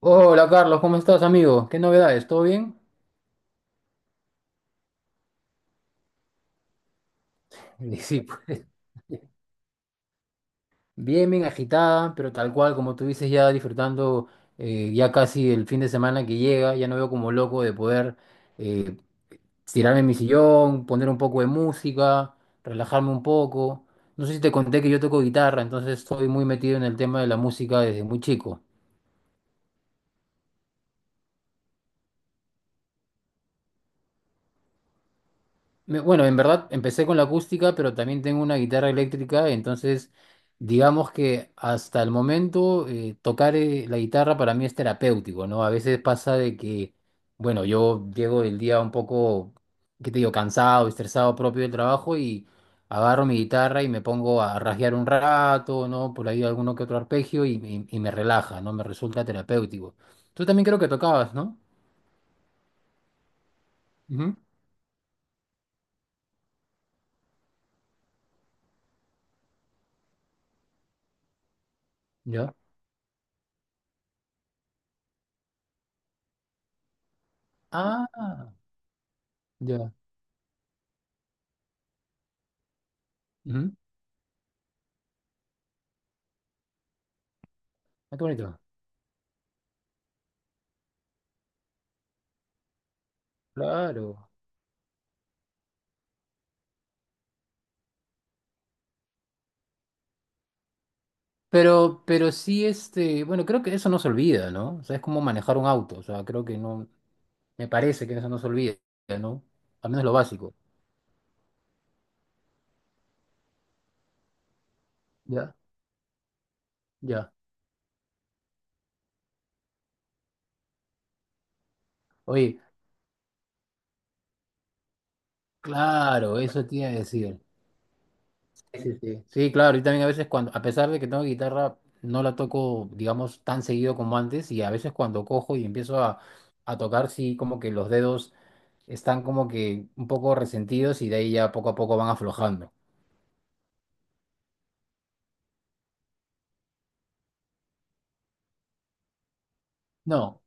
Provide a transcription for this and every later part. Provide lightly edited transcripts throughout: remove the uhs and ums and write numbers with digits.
Hola Carlos, ¿cómo estás, amigo? ¿Qué novedades? ¿Todo bien? Y sí, pues bien, bien agitada, pero tal cual, como tú dices, ya disfrutando ya casi el fin de semana que llega, ya no veo como loco de poder eh, tirarme en mi sillón, poner un poco de música, relajarme un poco. No sé si te conté que yo toco guitarra, entonces estoy muy metido en el tema de la música desde muy chico. Bueno, en verdad empecé con la acústica, pero también tengo una guitarra eléctrica, entonces digamos que hasta el momento tocar la guitarra para mí es terapéutico, ¿no? A veces pasa de que, bueno, yo llego del día un poco, ¿qué te digo?, cansado, estresado propio del trabajo y agarro mi guitarra y me pongo a rasguear un rato, ¿no? Por ahí alguno que otro arpegio y me relaja, ¿no? Me resulta terapéutico. Tú también creo que tocabas, ¿no? Ujú, ya. Ah, ya. Ujú. Ah, qué bonito. Claro. Pero sí, este, bueno, creo que eso no se olvida, ¿no? O sea, es como manejar un auto. O sea, creo que no, me parece que eso no se olvida, ¿no? Al menos lo básico. Ya, ya. Oye, claro, eso te iba a decir. Sí, sí. Sí, claro, y también a veces cuando, a pesar de que tengo guitarra, no la toco, digamos, tan seguido como antes, y a veces cuando cojo y empiezo a tocar, sí, como que los dedos están como que un poco resentidos y de ahí ya poco a poco van aflojando. No.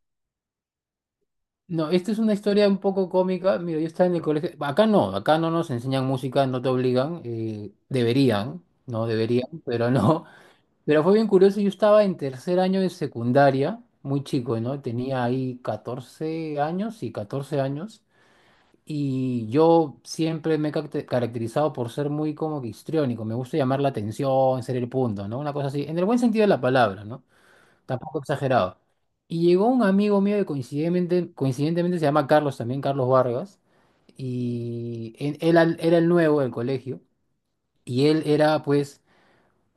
No, esta es una historia un poco cómica. Mira, yo estaba en el colegio. Acá no nos enseñan música, no te obligan. Deberían, no deberían, pero no. Pero fue bien curioso. Yo estaba en tercer año de secundaria, muy chico, ¿no? Tenía ahí 14 años. Y yo siempre me he caracterizado por ser muy como que histriónico. Me gusta llamar la atención, ser el punto, ¿no? Una cosa así, en el buen sentido de la palabra, ¿no? Tampoco exagerado. Y llegó un amigo mío que coincidentemente se llama Carlos también, Carlos Vargas, y él, era el nuevo del colegio, y él era pues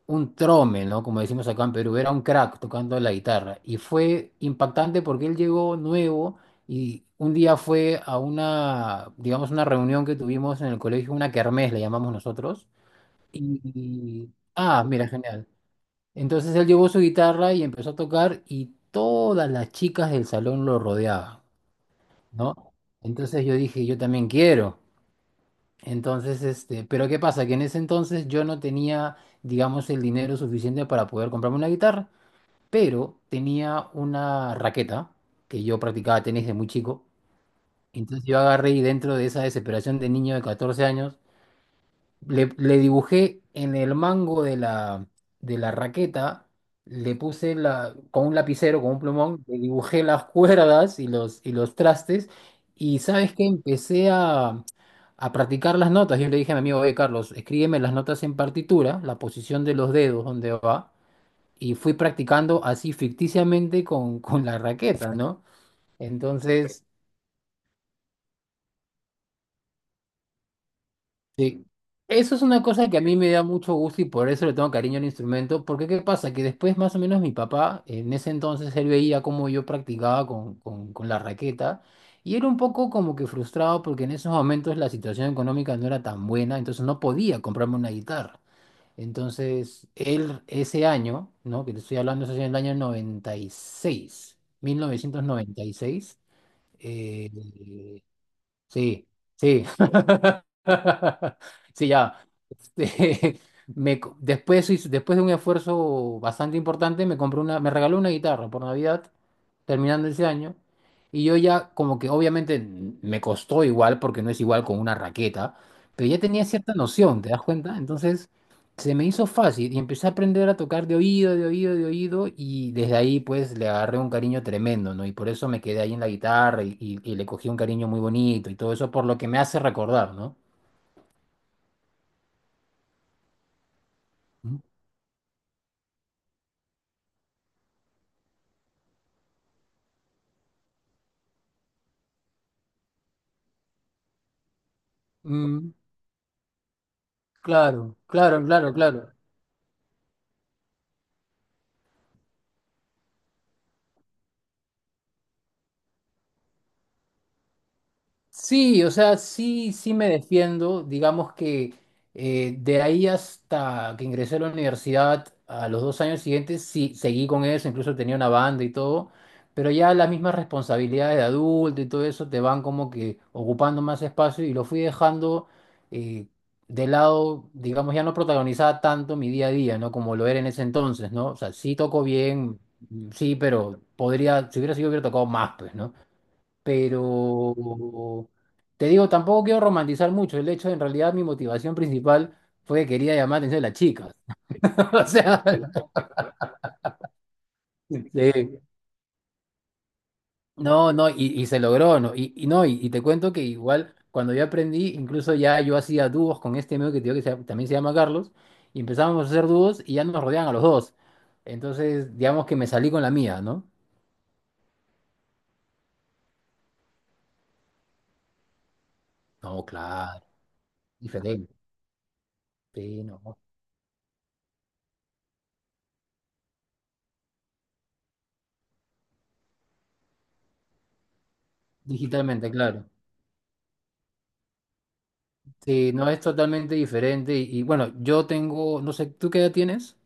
un trome, ¿no? Como decimos acá en Perú, era un crack tocando la guitarra. Y fue impactante porque él llegó nuevo y un día fue a una, digamos, una reunión que tuvimos en el colegio, una kermés le llamamos nosotros. Y, ah, mira, genial. Entonces él llevó su guitarra y empezó a tocar y todas las chicas del salón lo rodeaban, ¿no? Entonces yo dije, yo también quiero. Entonces, este, pero ¿qué pasa? Que en ese entonces yo no tenía, digamos, el dinero suficiente para poder comprarme una guitarra, pero tenía una raqueta que yo practicaba tenis de muy chico. Entonces yo agarré y dentro de esa desesperación de niño de 14 años, le, le dibujé en el mango de la raqueta, le puse la, con un lapicero, con un plumón, le dibujé las cuerdas y los trastes. Y sabes que empecé a practicar las notas. Yo le dije a mi amigo, oye, Carlos, escríbeme las notas en partitura, la posición de los dedos, donde va. Y fui practicando así ficticiamente con la raqueta, ¿no? Entonces, sí. Eso es una cosa que a mí me da mucho gusto y por eso le tengo cariño al instrumento, porque ¿qué pasa? Que después más o menos mi papá, en ese entonces, él veía cómo yo practicaba con la raqueta y era un poco como que frustrado porque en esos momentos la situación económica no era tan buena, entonces no podía comprarme una guitarra. Entonces, él ese año, ¿no? Que te estoy hablando, eso es en el año 96, 1996, sí, sí. Sí, ya. Después, después de un esfuerzo bastante importante, me compré una, me regaló una guitarra por Navidad, terminando ese año, y yo ya como que obviamente me costó igual, porque no es igual con una raqueta, pero ya tenía cierta noción, ¿te das cuenta? Entonces se me hizo fácil y empecé a aprender a tocar de oído, de oído, de oído, y desde ahí pues le agarré un cariño tremendo, ¿no? Y por eso me quedé ahí en la guitarra y le cogí un cariño muy bonito y todo eso por lo que me hace recordar, ¿no? Mm. Claro, claro, claro, claro. Sí, o sea, sí, sí me defiendo. Digamos que de ahí hasta que ingresé a la universidad, a los 2 años siguientes, sí, seguí con eso, incluso tenía una banda y todo, pero ya las mismas responsabilidades de adulto y todo eso te van como que ocupando más espacio y lo fui dejando eh, de lado, digamos, ya no protagonizaba tanto mi día a día, ¿no? Como lo era en ese entonces, ¿no? O sea, sí toco bien, sí, pero podría, si hubiera sido, hubiera tocado más, pues, ¿no? Pero te digo, tampoco quiero romantizar mucho el hecho en realidad mi motivación principal fue que quería llamar la atención de las chicas. O sea, sí. No, no, y se logró, ¿no? Y no, y te cuento que igual cuando yo aprendí, incluso ya yo hacía dúos con este amigo que te digo que se llama- también se llama Carlos, y empezábamos a hacer dúos y ya nos rodeaban a los dos. Entonces, digamos que me salí con la mía, ¿no? No, claro, diferente. Sí, no. Digitalmente, claro. Sí, no es totalmente diferente. Y bueno, yo tengo, no sé, ¿tú qué edad tienes?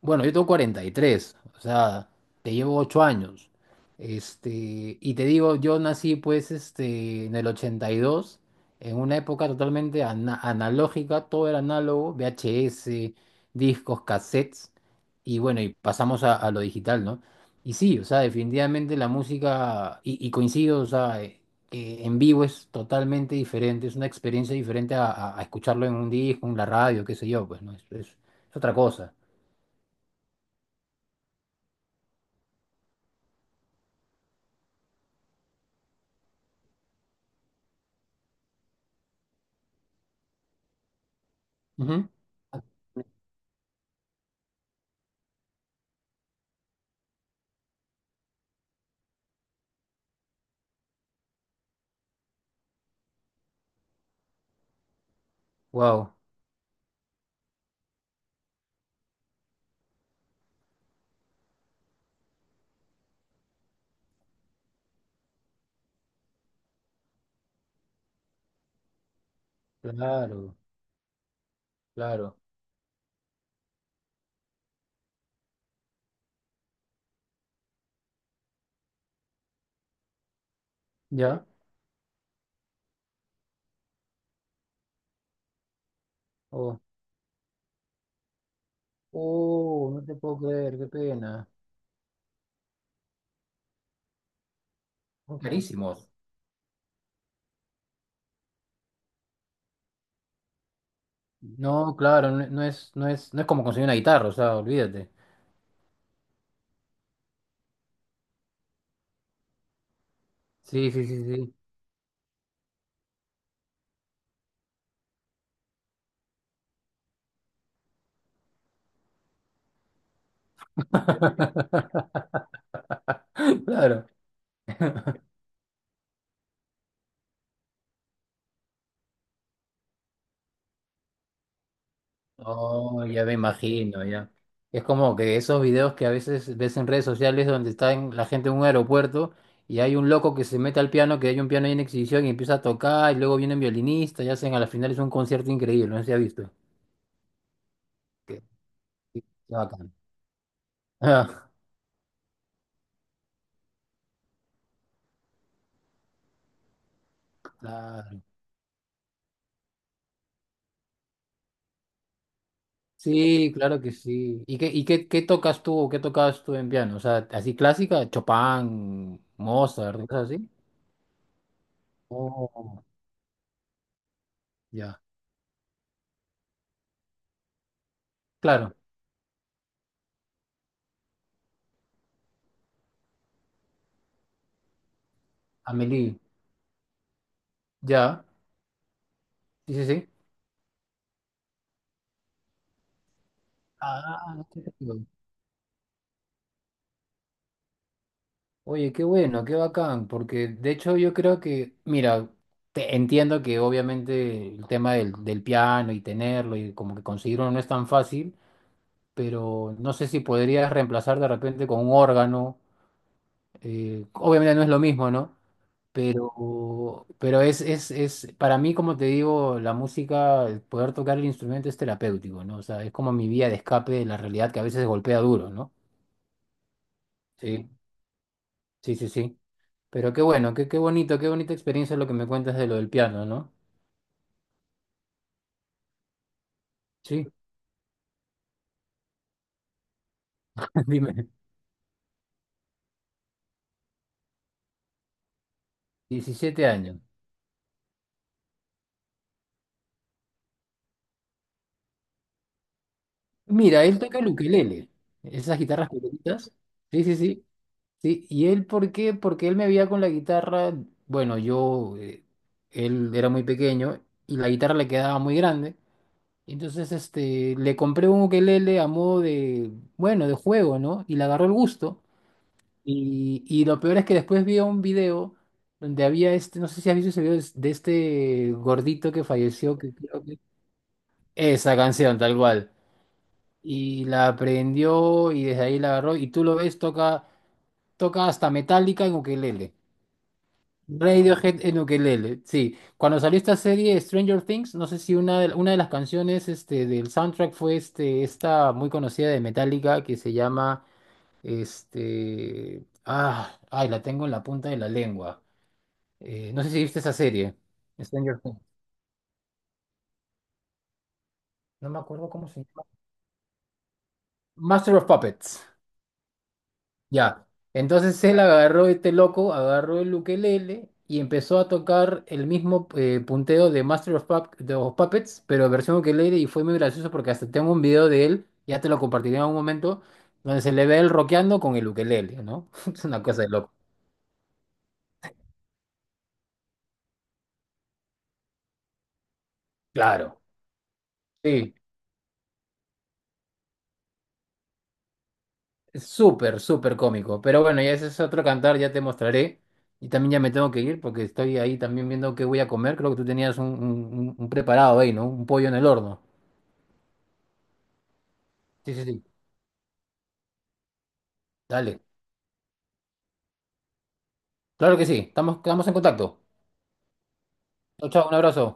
Bueno, yo tengo 43, o sea, te llevo 8 años. Este, y te digo, yo nací pues este, en el 82 en una época totalmente analógica, todo era análogo, VHS, discos, cassettes, y bueno, y pasamos a, lo digital, ¿no? Y sí, o sea, definitivamente la música, y coincido, o sea, que en vivo es totalmente diferente, es una experiencia diferente a- escucharlo en un disco, en la radio, qué sé yo, pues, ¿no? Es otra cosa. Wow, claro, claro. ¿Ya? Oh, oh, no te puedo creer, qué pena. Carísimos. No, claro, no, no es como conseguir una guitarra, o sea, olvídate. Sí, sí, sí, sí. Claro. Oh, ya me imagino, ya. Es como que esos videos que a veces ves en redes sociales donde está la gente en un aeropuerto y hay un loco que se mete al piano, que hay un piano ahí en exhibición y empieza a tocar y luego vienen violinistas y hacen a la final es un concierto increíble, no sé si has visto. Qué, qué- qué bacán. Claro. Sí, claro que sí. ¿Qué tocas tú, qué tocabas tú en piano? O sea, así clásica, Chopin, Mozart, cosas así. Oh, ya. Claro, Amélie, ya. Sí, sí, sí. Ah, qué rico. Oye, qué bueno, qué bacán, porque de hecho yo creo que, mira, entiendo que obviamente el tema del, del piano y tenerlo y como que conseguirlo no es tan fácil, pero no sé si podrías reemplazar de repente con un órgano, obviamente no es lo mismo, ¿no? Pero para mí, como te digo, la música, el poder tocar el instrumento es terapéutico, ¿no? O sea, es como mi vía de escape de la realidad que a veces golpea duro, ¿no? Sí, sí, sí, sí. Pero qué bueno, qué, qué bonito, qué bonita experiencia lo que me cuentas de lo del piano, ¿no? Sí, dime. 17 años. Mira, él toca el ukelele, esas guitarras pequeñitas. Sí, sí, sí. Sí, ¿y él por qué? Porque él me veía con la guitarra, bueno, yo, él era muy pequeño y la guitarra le quedaba muy grande. Entonces, este, le compré un ukelele a modo de, bueno, de juego, ¿no? Y le agarró el gusto. Y lo peor es que después vi un video donde había este, no sé si has visto ese video de este gordito que falleció, que creo que... Esa canción, tal cual. Y la aprendió y desde ahí la agarró. Y tú lo ves, toca hasta Metallica en ukelele. Radiohead en ukelele, sí. Cuando salió esta serie Stranger Things, no sé si una de las canciones este, del soundtrack fue este, esta muy conocida de Metallica que se llama... Este... Ah, ay, la tengo en la punta de la lengua. No sé si viste esa serie, Stranger Things. No me acuerdo cómo se llama. Master of Puppets. Ya. Entonces él agarró este loco, agarró el ukelele y empezó a tocar el mismo punteo de Master of, de los Puppets, pero versión ukelele y fue muy gracioso porque hasta tengo un video de él, ya te lo compartiré en algún momento, donde se le ve él rockeando con el ukelele, ¿no? Es una cosa de loco. Claro. Sí. Es súper, súper cómico. Pero bueno, ya ese es otro cantar, ya te mostraré. Y también ya me tengo que ir porque estoy ahí también viendo qué voy a comer. Creo que tú tenías un, un preparado ahí, ¿no? Un pollo en el horno. Sí, sí, sí. Dale. Claro que sí. Estamos, quedamos en contacto. Chao, chao, un abrazo.